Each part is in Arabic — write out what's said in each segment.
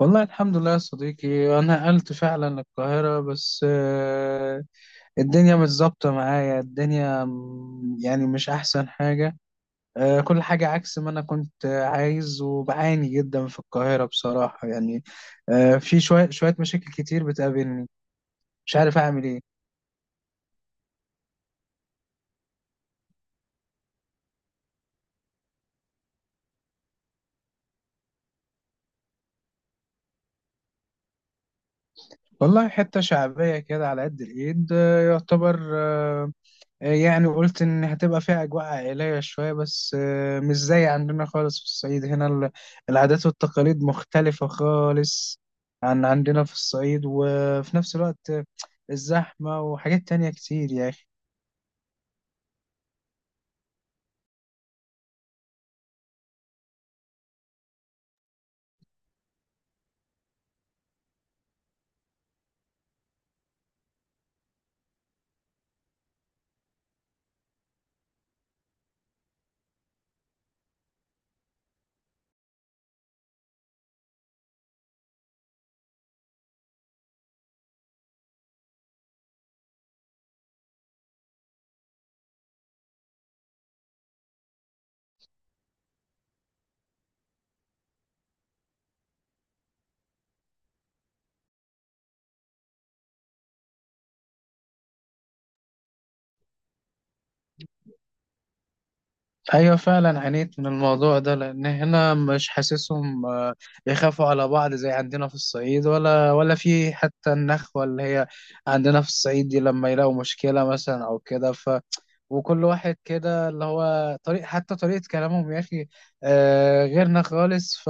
والله الحمد لله يا صديقي، أنا نقلت فعلا القاهرة بس. الدنيا مش ظابطة معايا. الدنيا يعني مش أحسن حاجة. كل حاجة عكس ما أنا كنت عايز، وبعاني جدا في القاهرة بصراحة يعني. في شوية مشاكل كتير بتقابلني، مش عارف أعمل إيه. والله حتة شعبية كده على قد الإيد، يعتبر. يعني قلت إن هتبقى فيها أجواء عائلية شوية، بس مش زي عندنا خالص في الصعيد. هنا العادات والتقاليد مختلفة خالص عن عندنا في الصعيد. وفي نفس الوقت الزحمة وحاجات تانية كتير يا أخي. أيوة فعلا عانيت من الموضوع ده، لأن هنا مش حاسسهم بيخافوا على بعض زي عندنا في الصعيد، ولا في حتى النخوة اللي هي عندنا في الصعيد دي، لما يلاقوا مشكلة مثلا أو كده. وكل واحد كده اللي هو طريق، حتى طريقة كلامهم يا أخي غيرنا خالص.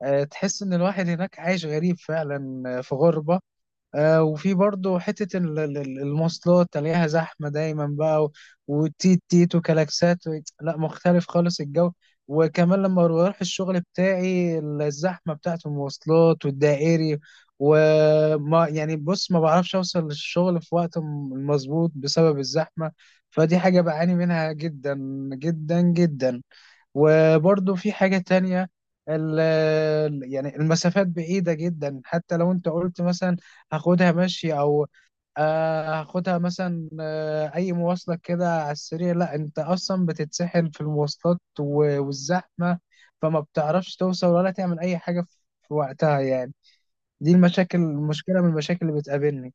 فتحس إن الواحد هناك عايش غريب فعلا، في غربة. آه، وفي برضه حتة المواصلات، تلاقيها زحمة دايما بقى، وتيت تيت وكلاكسات لا، مختلف خالص الجو. وكمان لما بروح الشغل بتاعي، الزحمة بتاعة المواصلات والدائري، وما يعني بص ما بعرفش أوصل للشغل في وقت مظبوط بسبب الزحمة. فدي حاجة بعاني منها جدا جدا جدا. وبرضه في حاجة تانية، يعني المسافات بعيدة جدا. حتى لو انت قلت مثلا هاخدها مشي، او هاخدها مثلا اي مواصلة كده على السريع، لا انت اصلا بتتسحل في المواصلات والزحمة. فما بتعرفش توصل ولا تعمل اي حاجة في في وقتها يعني. دي المشاكل، مشكلة من المشاكل اللي بتقابلني.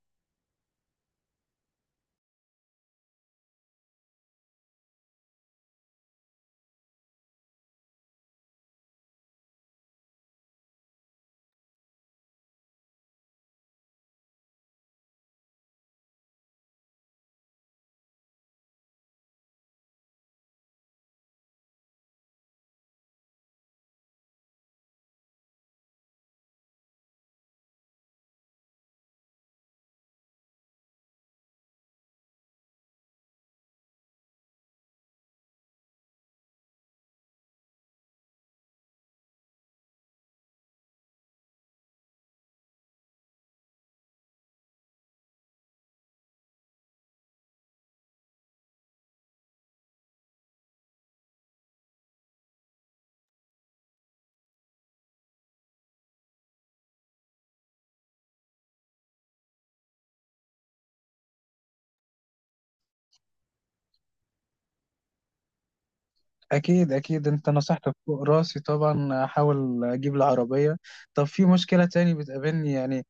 أكيد أكيد، أنت نصحتك فوق راسي طبعا، أحاول أجيب العربية. طب في مشكلة تاني بتقابلني يعني،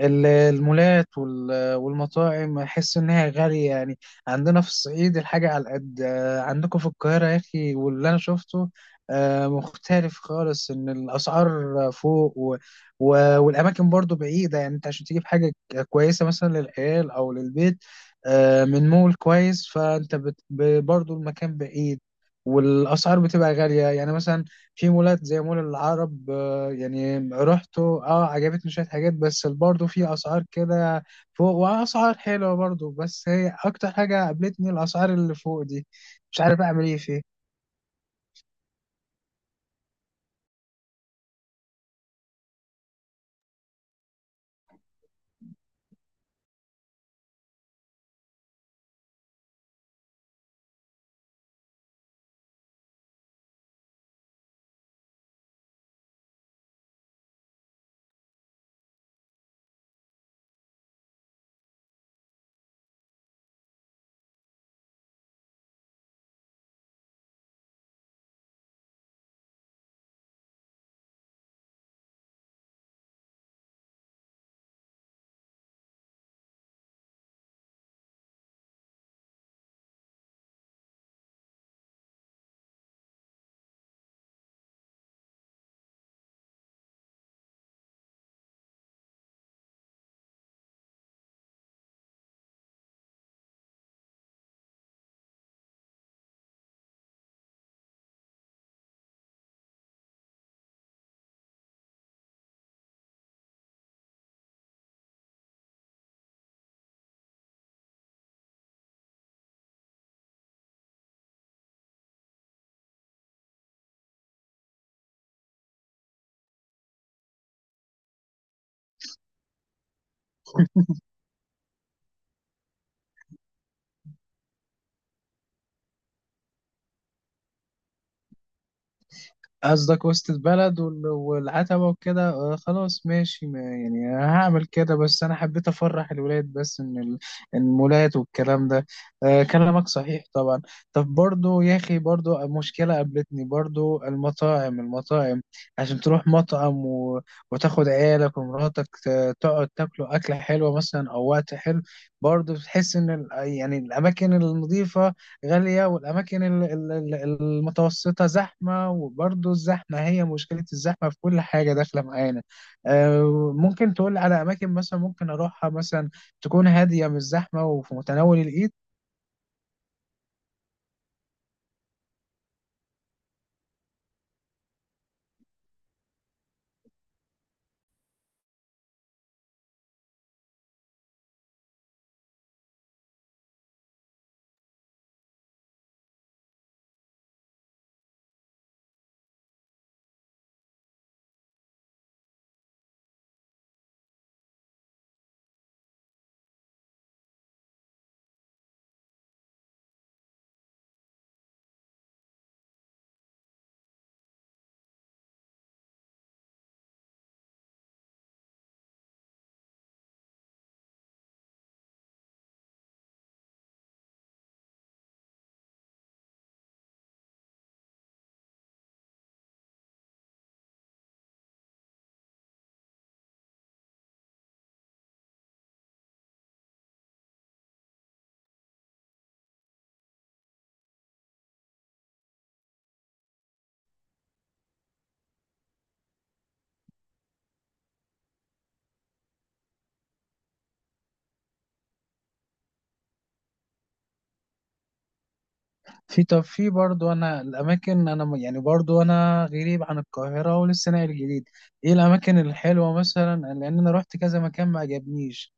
المولات والمطاعم، احس انها غاليه يعني. عندنا في الصعيد الحاجه على قد عندكم في القاهره يا اخي. واللي انا شفته مختلف خالص، ان الاسعار فوق. والاماكن برضو بعيده. يعني انت عشان تجيب حاجه كويسه مثلا للعيال او للبيت من مول كويس، فانت برضو المكان بعيد، والاسعار بتبقى غاليه. يعني مثلا في مولات زي مول العرب، يعني رحت اه، عجبتني شوية حاجات، بس برضه في أسعار كده فوق، وأسعار حلوة برضه. بس هي أكتر حاجة قابلتني الأسعار اللي فوق دي، مش عارف أعمل إيه فيها. قصدك وسط البلد والعتبة وكده، خلاص ماشي، ما يعني هعمل كده. بس أنا حبيت أفرح الولاد بس، إن المولات والكلام ده كلامك صحيح طبعا. طب برضو يا أخي، برضو مشكلة قابلتني، برضو المطاعم. عشان تروح مطعم وتاخد عيالك ومراتك، تقعد تاكلوا أكلة حلوة مثلا أو وقت حلو، برضو بتحس إن يعني الأماكن النظيفة غالية، والأماكن المتوسطة زحمة. وبرضه الزحمة هي مشكلة، الزحمة في كل حاجة داخلة معانا. ممكن تقول على أماكن مثلا ممكن أروحها، مثلا تكون هادية مش زحمة وفي متناول الإيد. في طب في برضه أنا الأماكن، أنا يعني برضه أنا غريب عن القاهرة ولسه ناقل جديد. إيه الأماكن الحلوة مثلا؟ لأن أنا رحت كذا مكان ما عجبنيش.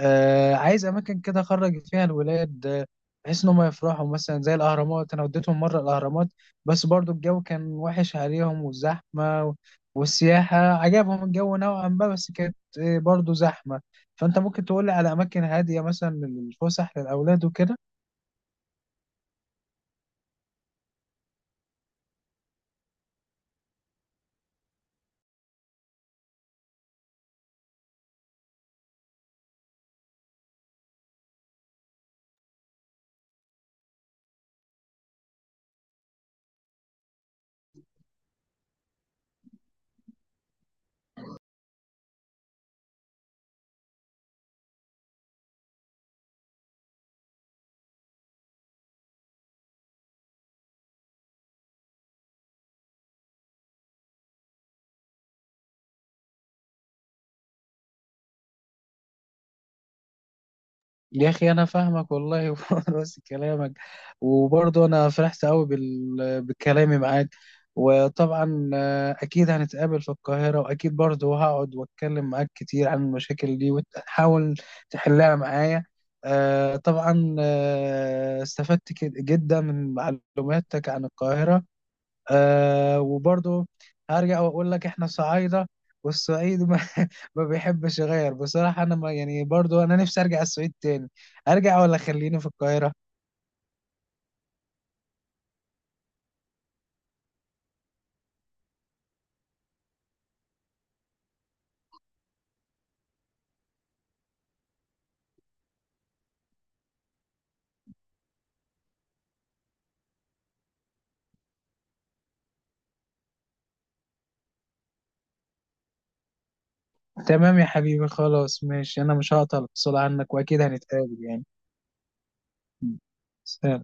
آه، عايز اماكن كده اخرج فيها الولاد بحيث ان هم يفرحوا. مثلا زي الاهرامات، انا وديتهم مره الاهرامات، بس برضو الجو كان وحش عليهم، والزحمه والسياحه عجبهم الجو نوعا ما، بس كانت برضو زحمه. فانت ممكن تقول لي على اماكن هاديه مثلا للفسح للاولاد وكده. يا اخي انا فاهمك والله، ونفس كلامك. وبرضه انا فرحت قوي بكلامي معاك. وطبعا اكيد هنتقابل في القاهرة، واكيد برضه هقعد واتكلم معاك كتير عن المشاكل دي، وتحاول تحلها معايا. طبعا استفدت جدا من معلوماتك عن القاهرة. آه، وبرضه هرجع واقول لك احنا صعايده، والصعيد ما, ما بيحبش يغير بصراحه. انا ما يعني برضه انا نفسي ارجع الصعيد تاني، ارجع ولا خليني في القاهره؟ تمام يا حبيبي، خلاص ماشي، انا مش هقطع الاتصال عنك، واكيد هنتقابل يعني. سلام.